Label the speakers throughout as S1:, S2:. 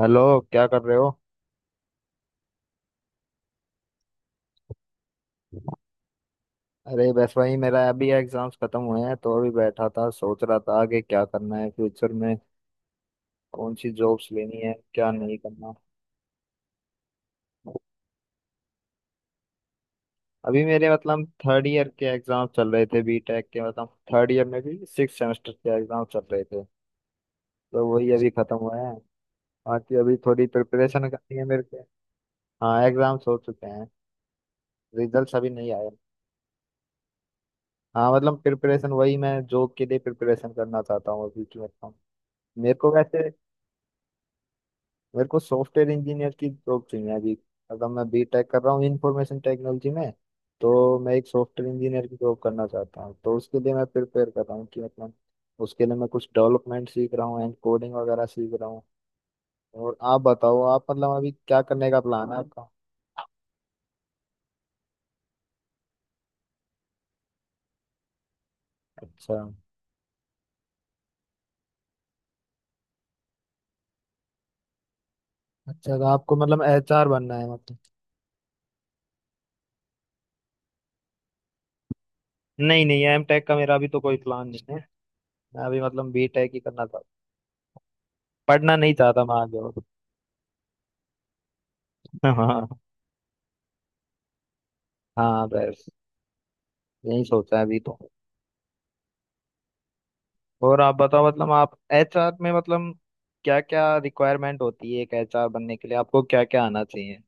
S1: Hello, क्या कर रहे हो? अरे बस भाई, मेरा अभी एग्जाम्स खत्म हुए हैं, तो अभी बैठा था सोच रहा था आगे क्या करना है फ्यूचर में, कौन सी जॉब्स लेनी है, क्या नहीं करना। अभी मेरे मतलब थर्ड ईयर के एग्जाम चल रहे थे बीटेक के, मतलब थर्ड ईयर में भी 6 सेमेस्टर के एग्जाम चल रहे थे, तो वही अभी खत्म हुए हैं। बाकी अभी थोड़ी प्रिपरेशन करनी है मेरे को। हाँ, एग्जाम्स हो चुके हैं। रिजल्ट्स अभी नहीं आए। हाँ, मतलब प्रिपरेशन वही, मैं जॉब के लिए प्रिपरेशन करना चाहता हूँ अभी की, मतलब मेरे को वैसे मेरे को सॉफ्टवेयर इंजीनियर की जॉब चाहिए अभी। अगर मैं बीटेक कर रहा हूँ इंफॉर्मेशन टेक्नोलॉजी में, तो मैं एक सॉफ्टवेयर इंजीनियर की जॉब करना चाहता हूँ, तो उसके लिए मैं प्रिपेयर कर रहा हूँ कि मतलब उसके लिए मैं कुछ डेवलपमेंट सीख रहा हूँ एंड कोडिंग वगैरह सीख रहा हूँ। और आप बताओ, आप मतलब अभी क्या करने का प्लान है आपका? अच्छा। अच्छा, तो आपको मतलब एचआर बनना है, मतलब? नहीं नहीं, एम टेक का मेरा अभी तो कोई प्लान नहीं है। मैं अभी मतलब बी टेक ही करना चाहता, पढ़ना नहीं चाहता मैं आगे और। हाँ। हाँ बस, यही सोचा है अभी तो। और आप बताओ, मतलब आप एचआर में, मतलब क्या क्या रिक्वायरमेंट होती है एक एचआर बनने के लिए? आपको क्या क्या आना चाहिए?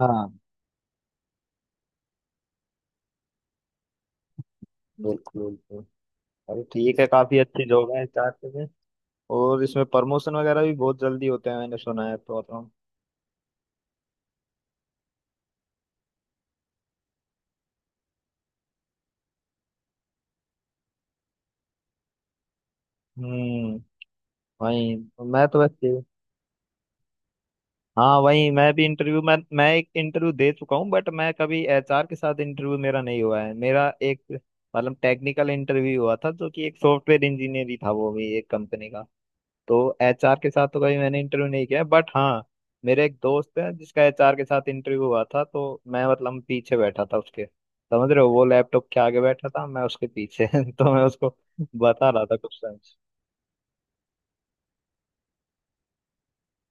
S1: हाँ, बिल्कुल बिल्कुल। अरे ठीक है, काफी अच्छी जॉब है एचआर के लिए। और इसमें प्रमोशन वगैरह भी बहुत जल्दी होते हैं, मैंने सुना है तो मतलब हम्म वही तो, मैं तो वैसे। हाँ, वही मैं भी इंटरव्यू, मैं एक इंटरव्यू दे चुका हूँ, बट मैं कभी एचआर के साथ इंटरव्यू मेरा नहीं हुआ है, मेरा एक मतलब टेक्निकल इंटरव्यू हुआ था, जो कि एक सॉफ्टवेयर इंजीनियर ही था, वो भी एक कंपनी का। तो एचआर के साथ तो कभी मैंने इंटरव्यू नहीं किया, बट हाँ, मेरे एक दोस्त है जिसका एचआर के साथ इंटरव्यू हुआ था, तो मैं मतलब पीछे बैठा था उसके, समझ रहे हो, वो लैपटॉप के आगे बैठा था, मैं उसके पीछे तो मैं उसको बता रहा था क्वेश्चन।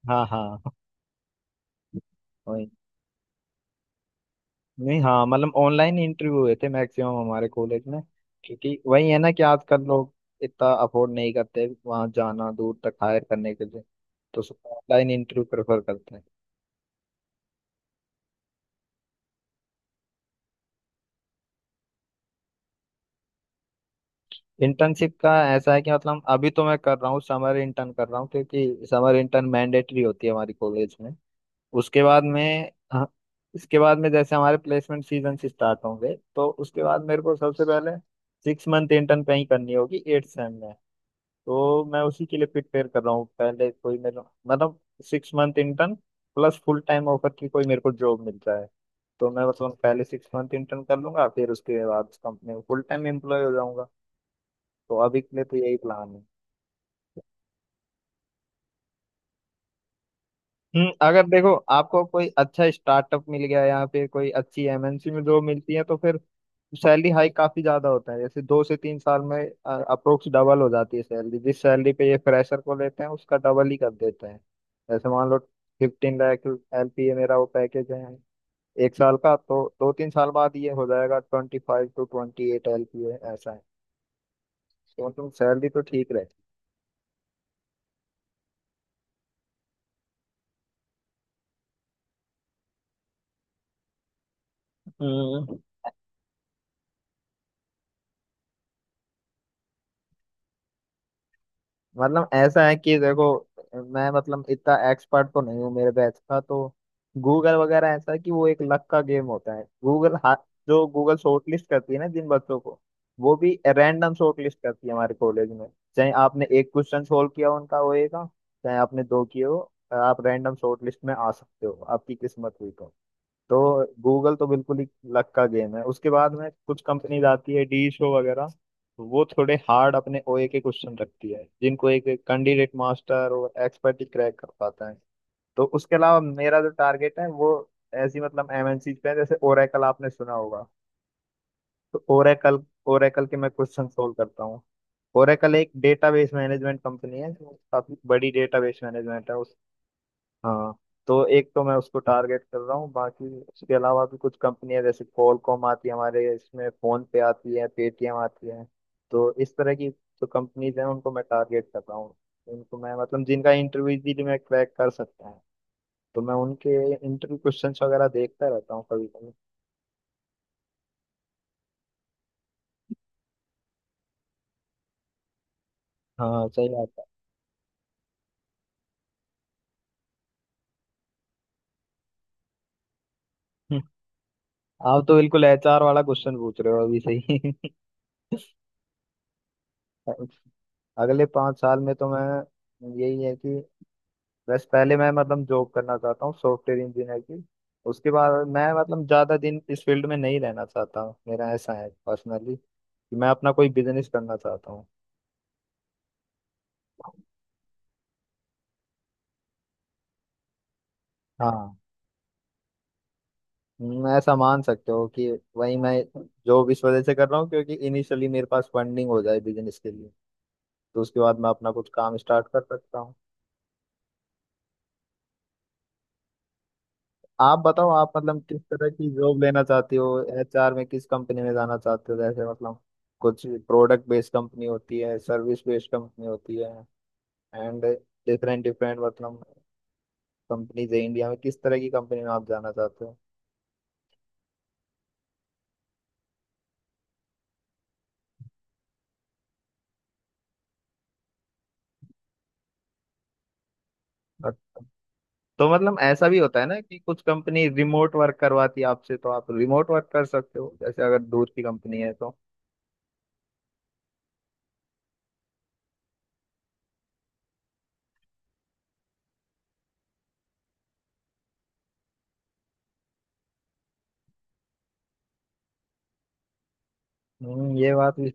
S1: हाँ हाँ, वही। नहीं, हाँ मतलब ऑनलाइन इंटरव्यू हुए थे मैक्सिमम हमारे कॉलेज में। क्योंकि वही है ना, कि आजकल लोग इतना अफोर्ड नहीं करते वहां जाना दूर तक हायर करने के लिए, तो सब ऑनलाइन इंटरव्यू प्रेफर करते हैं। इंटर्नशिप का ऐसा है कि मतलब अभी तो मैं कर रहा हूँ, समर इंटर्न कर रहा हूँ, क्योंकि समर इंटर्न मैंडेटरी होती है हमारी कॉलेज में। उसके बाद में हाँ, इसके बाद में जैसे हमारे प्लेसमेंट सीजन से स्टार्ट होंगे, तो उसके बाद मेरे को सबसे पहले 6 मंथ इंटर्न कहीं करनी होगी एट सेम में, तो मैं उसी के लिए प्रिपेयर कर रहा हूँ, पहले कोई मेरे मतलब 6 month intern plus full time offer की कोई मेरे को जॉब मिल जाए, तो मैं मतलब पहले 6 मंथ इंटर्न कर लूंगा, फिर उसके बाद उस कंपनी में फुल टाइम एम्प्लॉय हो जाऊंगा। तो अभी के लिए तो यही प्लान है। अगर देखो, आपको कोई अच्छा स्टार्टअप मिल गया, यहाँ पे कोई अच्छी एमएनसी में जॉब मिलती है, तो फिर सैलरी हाइक काफी ज्यादा होता है, जैसे 2 से 3 साल में अप्रोक्स डबल हो जाती है सैलरी। जिस सैलरी पे ये फ्रेशर को लेते हैं, उसका डबल ही कर देते हैं। जैसे मान लो 15 लाख LPA मेरा वो पैकेज है एक साल का, तो 2 3 साल बाद ये हो जाएगा 25 से 28 LPA, ऐसा है। तो मतलब सैलरी तो ठीक रहे। हम्म मतलब ऐसा है कि देखो, मैं मतलब इतना एक्सपर्ट तो नहीं हूँ। मेरे बैच का तो गूगल वगैरह ऐसा है कि वो एक लक का गेम होता है। गूगल हा, जो गूगल शॉर्टलिस्ट करती है ना जिन बच्चों को, वो भी रैंडम शॉर्टलिस्ट करती है हमारे कॉलेज में। चाहे आपने एक क्वेश्चन सोल्व किया हो उनका होएगा, चाहे आपने दो किए हो, आप रैंडम शॉर्टलिस्ट में आ सकते हो, आपकी किस्मत हुई तो। तो गूगल तो बिल्कुल ही लक का गेम है। उसके बाद में कुछ कंपनीज आती है डी शो वगैरह, वो थोड़े हार्ड अपने ओए के क्वेश्चन रखती है, जिनको एक कैंडिडेट मास्टर और एक्सपर्ट ही क्रैक कर पाता है। तो उसके अलावा मेरा जो टारगेट है, वो ऐसी मतलब एमएनसी पे है, जैसे ओरेकल, आपने सुना होगा। तो ओरेकल ओरेकल के मैं क्वेश्चन सोल्व करता हूँ। ओरेकल एक डेटाबेस मैनेजमेंट कंपनी है, जो काफी बड़ी डेटाबेस मैनेजमेंट है। हाँ, तो एक तो मैं उसको टारगेट कर रहा हूँ, बाकी उसके अलावा भी कुछ कंपनियां जैसे क्वालकॉम आती है हमारे इसमें, फोन पे आती है, पेटीएम आती है। तो इस तरह की जो कंपनीज हैं उनको मैं टारगेट कर रहा हूँ। उनको मैं मतलब जिनका इंटरव्यू इजीली मैं क्रैक कर सकता है, तो मैं उनके इंटरव्यू क्वेश्चंस वगैरह देखता रहता हूँ कभी कभी। हाँ, सही बात है। हम्म, आप तो बिल्कुल एचआर वाला क्वेश्चन पूछ रहे हो अभी, सही। अगले 5 साल में तो मैं यही है कि बस पहले मैं मतलब जॉब करना चाहता हूँ सॉफ्टवेयर इंजीनियर की। उसके बाद मैं मतलब ज़्यादा दिन इस फील्ड में नहीं रहना चाहता हूँ, मेरा ऐसा है पर्सनली कि मैं अपना कोई बिजनेस करना चाहता हूँ। हाँ, ऐसा मान सकते हो कि वही मैं जॉब इस वजह से कर रहा हूँ, क्योंकि इनिशियली मेरे पास फंडिंग हो जाए बिजनेस के लिए, तो उसके बाद मैं अपना कुछ काम स्टार्ट कर सकता हूँ। आप बताओ, आप मतलब किस तरह की जॉब लेना चाहते हो एचआर में? किस कंपनी में जाना चाहते हो, जैसे मतलब कुछ प्रोडक्ट बेस्ड कंपनी होती है, सर्विस बेस्ड कंपनी होती है, एंड डिफरेंट डिफरेंट मतलब कंपनीज है इंडिया में। किस तरह की कंपनी में आप जाना चाहते हो? और- तो मतलब ऐसा भी होता है ना कि कुछ कंपनी रिमोट वर्क करवाती है आपसे, तो आप रिमोट वर्क कर सकते हो, जैसे अगर दूर की कंपनी है तो। ये बात भी।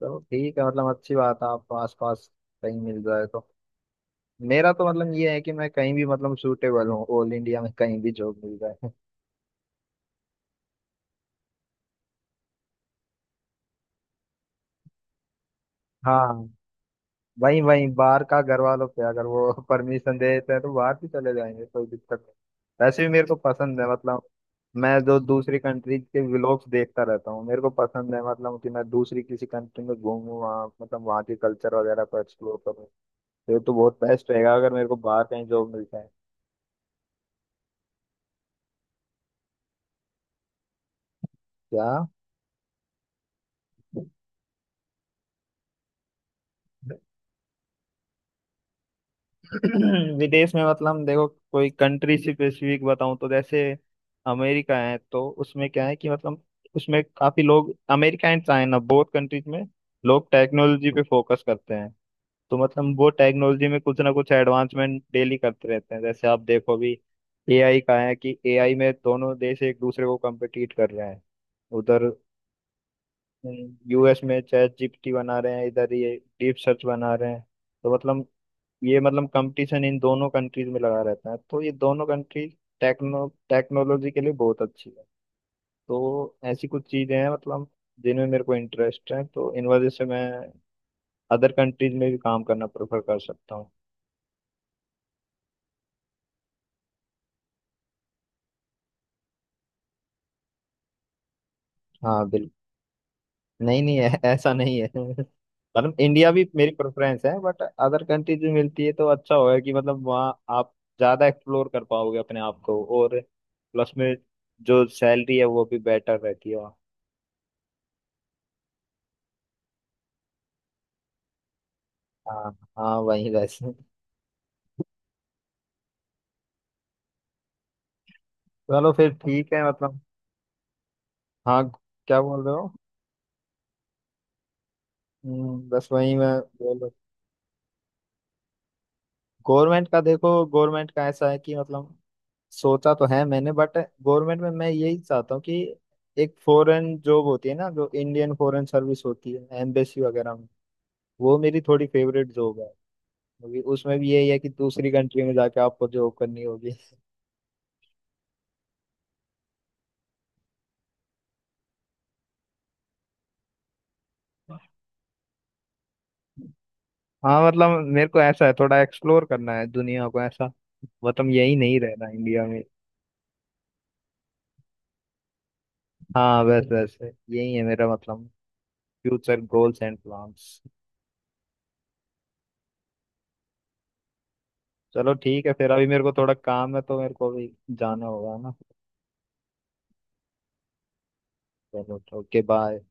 S1: तो ठीक है, मतलब अच्छी बात है आपको आसपास कहीं मिल जाए तो। मेरा तो मतलब ये है कि मैं कहीं भी मतलब सूटेबल हूँ, ऑल इंडिया में कहीं भी जॉब मिल जाए। हाँ, वहीं वहीं बाहर का, घर वालों पे अगर वो परमिशन दे देते हैं, तो बाहर भी चले जाएंगे, कोई दिक्कत नहीं। वैसे भी मेरे को पसंद है मतलब, मैं जो दूसरी कंट्री के व्लॉग्स देखता रहता हूँ, मेरे को पसंद है, मतलब कि मैं दूसरी किसी कंट्री में घूमूं, वहाँ मतलब वहाँ के कल्चर वगैरह को एक्सप्लोर करूँ। तो ये तो बहुत बेस्ट रहेगा अगर मेरे को बाहर कहीं जॉब मिल जाए। क्या? विदेश में मतलब देखो, कोई कंट्री स्पेसिफिक बताऊं तो जैसे अमेरिका है, तो उसमें क्या है कि मतलब उसमें काफी लोग, America and China both countries में लोग टेक्नोलॉजी पे फोकस करते हैं। तो मतलब वो टेक्नोलॉजी में कुछ ना कुछ एडवांसमेंट डेली करते रहते हैं, जैसे आप देखो अभी एआई का है कि एआई में दोनों देश एक दूसरे को कम्पिटिट कर रहे हैं। उधर यूएस में चैट जीपीटी बना रहे हैं, इधर ये डीप सर्च बना रहे हैं। तो मतलब ये मतलब कंपटीशन इन दोनों कंट्रीज में लगा रहता है। तो ये दोनों कंट्री टेक्नोलॉजी के लिए बहुत अच्छी है। तो ऐसी कुछ चीजें हैं मतलब जिनमें मेरे को इंटरेस्ट है, तो इन वजह से मैं अदर कंट्रीज में भी काम करना प्रेफर कर सकता हूँ। हाँ बिल्कुल। नहीं नहीं, ऐसा नहीं है। मतलब इंडिया भी मेरी प्रेफरेंस है, बट अदर कंट्रीज में मिलती है तो अच्छा होगा, कि मतलब वहाँ आप ज्यादा एक्सप्लोर कर पाओगे अपने आप को। और प्लस में जो सैलरी है वो भी बेटर रहती है वहाँ। हाँ, हाँ वही वैसे। चलो फिर ठीक है मतलब। हाँ, क्या बोल रहे हो? बस वही मैं बोल गवर्नमेंट का, देखो गवर्नमेंट का ऐसा है कि मतलब सोचा तो है मैंने, बट गवर्नमेंट में मैं यही चाहता हूँ कि एक फॉरेन जॉब होती है ना, जो इंडियन फॉरेन सर्विस होती है एम्बेसी वगैरह में, वो मेरी थोड़ी फेवरेट जॉब है। क्योंकि उसमें भी यही है कि दूसरी कंट्री में जाके आपको जॉब करनी होगी। हाँ मतलब मेरे को ऐसा है, थोड़ा एक्सप्लोर करना है दुनिया को, ऐसा मतलब यही नहीं रहना इंडिया में। हाँ, बस बस यही है मेरा मतलब, फ्यूचर गोल्स एंड प्लान्स। चलो ठीक है फिर, अभी मेरे को थोड़ा काम है तो मेरे को अभी जाना होगा ना। चलो, ओके बाय।